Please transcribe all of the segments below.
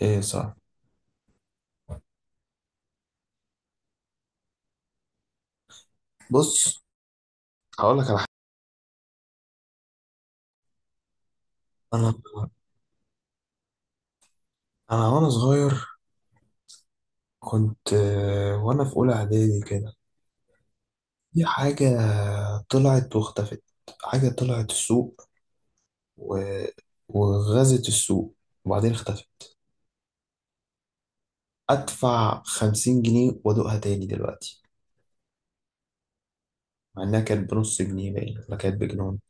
ايه، صح. بص، هقول لك على حاجه. انا انا وانا صغير كنت وانا في اولى اعدادي كده. في حاجه طلعت واختفت. حاجه طلعت السوق و... وغزت السوق وبعدين اختفت. ادفع 50 جنيه وادوقها تاني دلوقتي، مع انها كانت بنص جنيه باين ولا كانت بجنون.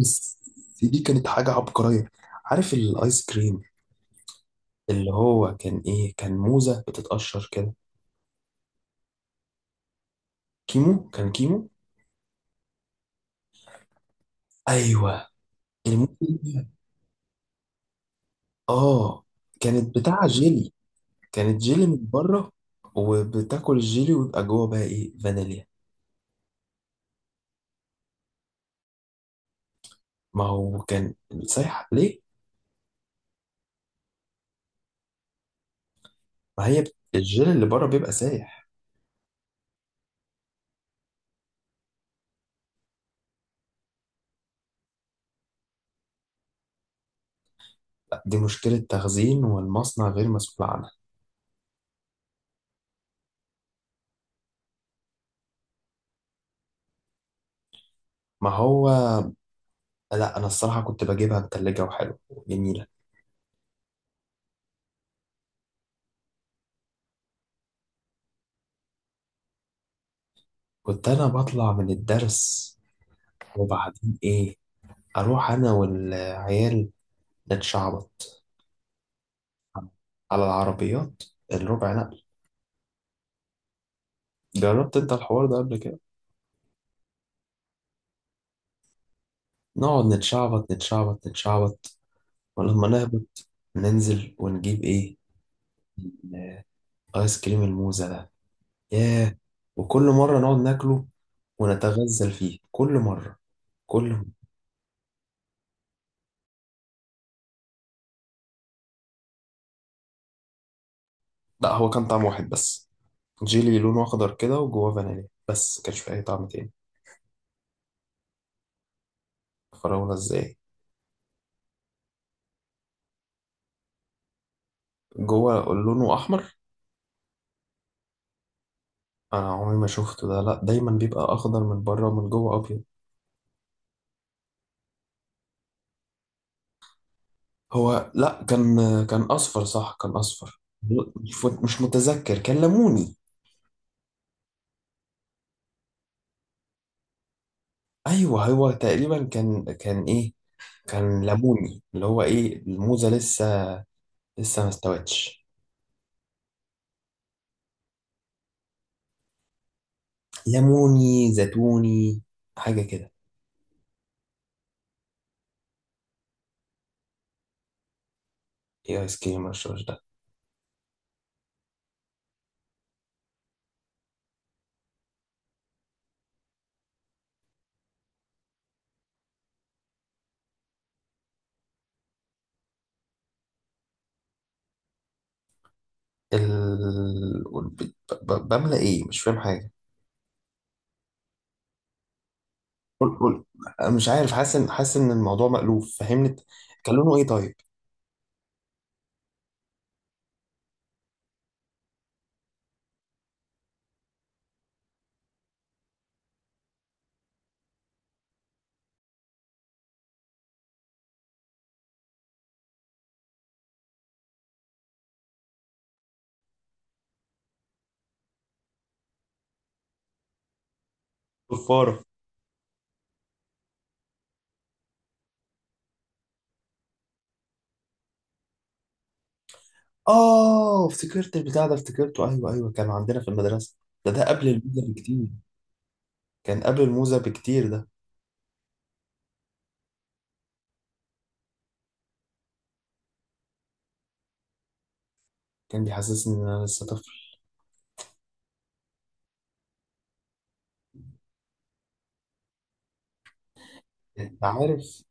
بس دي كانت حاجه عبقريه. عارف الايس كريم اللي هو كان ايه، كان موزه بتتقشر كده؟ كيمو، كان كيمو. ايوه. يعني ممكن، اه. كانت بتاع جيلي، كانت جيلي من بره وبتاكل الجيلي ويبقى جوه بقى ايه، فانيليا. ما هو كان سايح ليه؟ ما هي الجيلي اللي بره بيبقى سايح. لا، دي مشكلة تخزين والمصنع غير مسؤول عنها. ما هو لا، انا الصراحة كنت بجيبها متلجة وحلوة وجميلة. كنت انا بطلع من الدرس وبعدين ايه، اروح انا والعيال نتشعبط على العربيات، الربع نقل. جربت انت الحوار ده قبل كده؟ نقعد نتشعبط نتشعبط نتشعبط، ولما نهبط ننزل ونجيب ايه، ايس كريم الموزة ده. ياه، وكل مرة نقعد ناكله ونتغزل فيه كل مرة، كل مرة. لا، هو كان طعم واحد بس، جيلي لونه اخضر كده وجواه فانيليا، بس كانش فيه اي طعم تاني. فراولة ازاي؟ جوه لونه احمر؟ انا عمري ما شفته ده، لا دايما بيبقى اخضر من بره ومن جوه ابيض. هو لا كان كان اصفر، صح كان اصفر. مش متذكر، كان ليموني. ايوه، هو تقريبا كان ايه، كان ليموني اللي هو ايه، الموزه لسه لسه ما استوتش. ليموني زيتوني، حاجه كده. ايه ايس كريم الرشاش ده؟ ال... ب- بملى ايه، مش فاهم حاجه. قول، قول. مش عارف، حاسس ان، حاسس ان الموضوع مألوف، فهمني. كان لونه ايه طيب؟ صفاره. اه افتكرت البتاع ده، افتكرته، ايوه ايوه، كان عندنا في المدرسه. ده قبل الموزه بكتير. كان قبل الموزه بكتير ده. كان بيحسسني ان انا لسه طفل. انت عارف،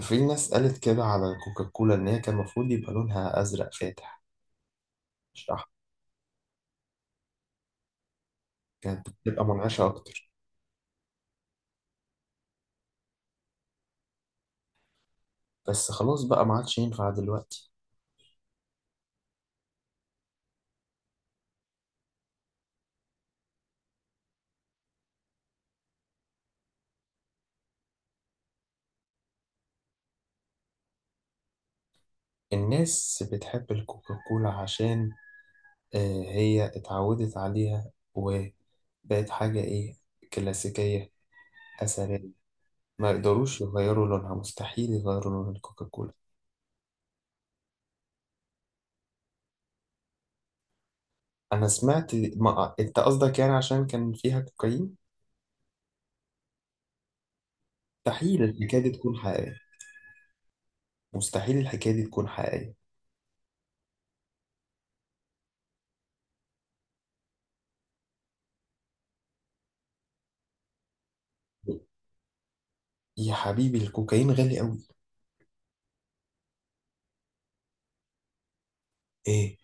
في ناس قالت كده على كوكاكولا إن هي كان المفروض يبقى لونها أزرق فاتح، مش أحمر. كانت بتبقى منعشة أكتر. بس خلاص بقى، ما عادش ينفع دلوقتي. الناس بتحب الكوكاكولا عشان آه، هي اتعودت عليها وبقت حاجة إيه، كلاسيكية، أثرية. ما يقدروش يغيروا لونها، مستحيل يغيروا لون الكوكاكولا. أنا سمعت ما... أنت قصدك يعني عشان كان فيها كوكايين. مستحيل الحكاية دي تكون حقيقية. مستحيل الحكاية دي تكون حقيقية. يا حبيبي الكوكايين غالي قوي. ايه،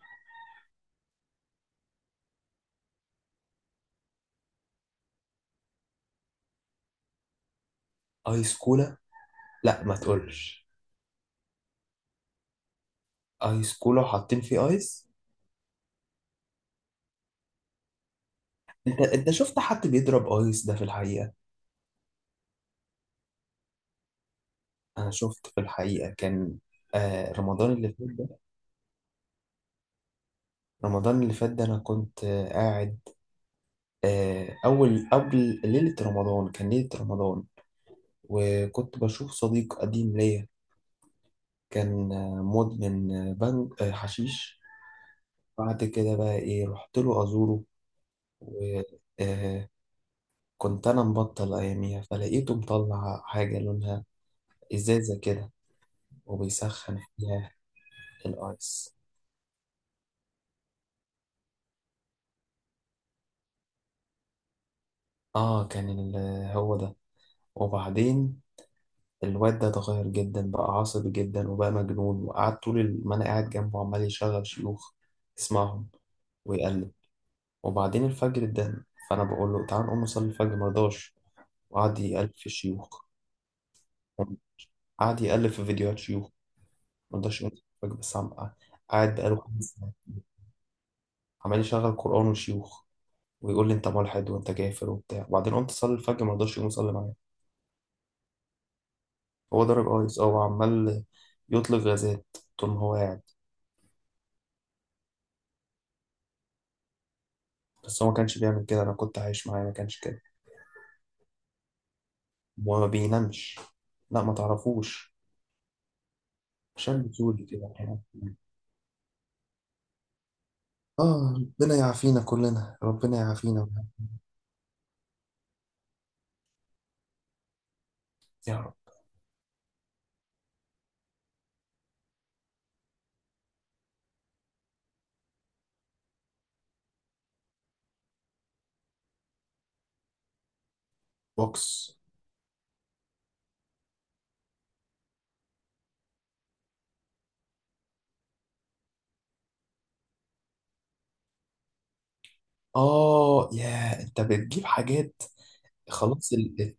ايس كولا؟ لا ما تقولش، ايس كولا وحاطين فيه ايس! انت، انت شفت حد بيضرب ايس ده في الحقيقه؟ انا شفت في الحقيقه، كان آه رمضان اللي فات ده. رمضان اللي فات ده انا كنت قاعد، اول قبل ليله رمضان، كان ليله رمضان، وكنت بشوف صديق قديم ليا. كان مدمن بنج، آه حشيش. بعد كده بقى ايه، رحت له ازوره و آه، كنت انا مبطل اياميها، فلقيته مطلع حاجه لونها ازازه كده وبيسخن فيها، الايس. اه كان ال- هو ده. وبعدين الواد ده اتغير جدا، بقى عصبي جدا وبقى مجنون، وقعدت طول ما انا قاعد جنبه عمال يشغل شيوخ، يسمعهم ويقلب. وبعدين الفجر اتدهن، فانا بقول له تعال نقوم نصلي الفجر، مرضاش. وقعد يقلب في الشيوخ، قعد يقلب في فيديوهات شيوخ. مرضاش يقوم يصلي الفجر، قاعد بقاله 5 ساعات عمال يشغل قرآن وشيوخ ويقول لي انت ملحد وانت كافر وبتاع. وبعدين قمت اصلي الفجر ما رضاش يقوم يصلي معايا. هو ضرب ايس، اه، وعمال يطلق غازات طول ما هو قاعد. بس هو ما كانش بيعمل كده، انا كنت عايش معاه ما كانش كده. وما بينامش. لا ما تعرفوش، شاب سوري كده يعني. اه، ربنا يعافينا كلنا، ربنا يعافينا. يا رب. بوكس. اه يا انت بتجيب حاجات. خلاص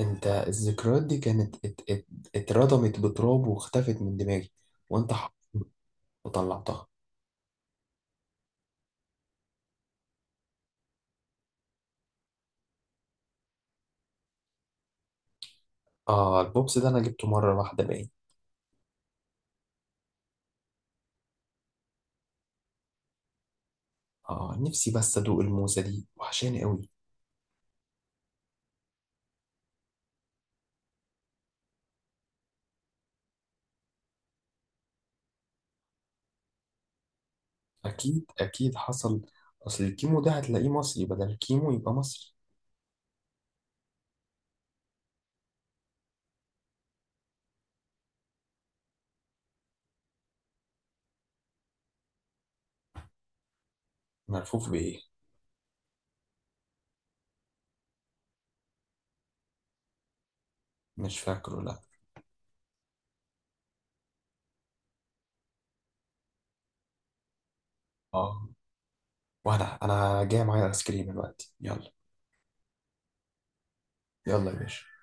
انت الذكريات دي كانت اتردمت بتراب واختفت من دماغي. وانت ح- وطلعتها. اه البوبس ده انا جبته مرة واحدة باين. اه نفسي بس ادوق الموزة دي، وحشاني قوي. اكيد، اكيد حصل. اصل الكيمو ده هتلاقيه مصري، بدل الكيمو يبقى مصري. ملفوف بايه؟ مش فاكره، لا. اه، وانا جاي معايا ايس كريم دلوقتي، يلا. يلا يا باشا.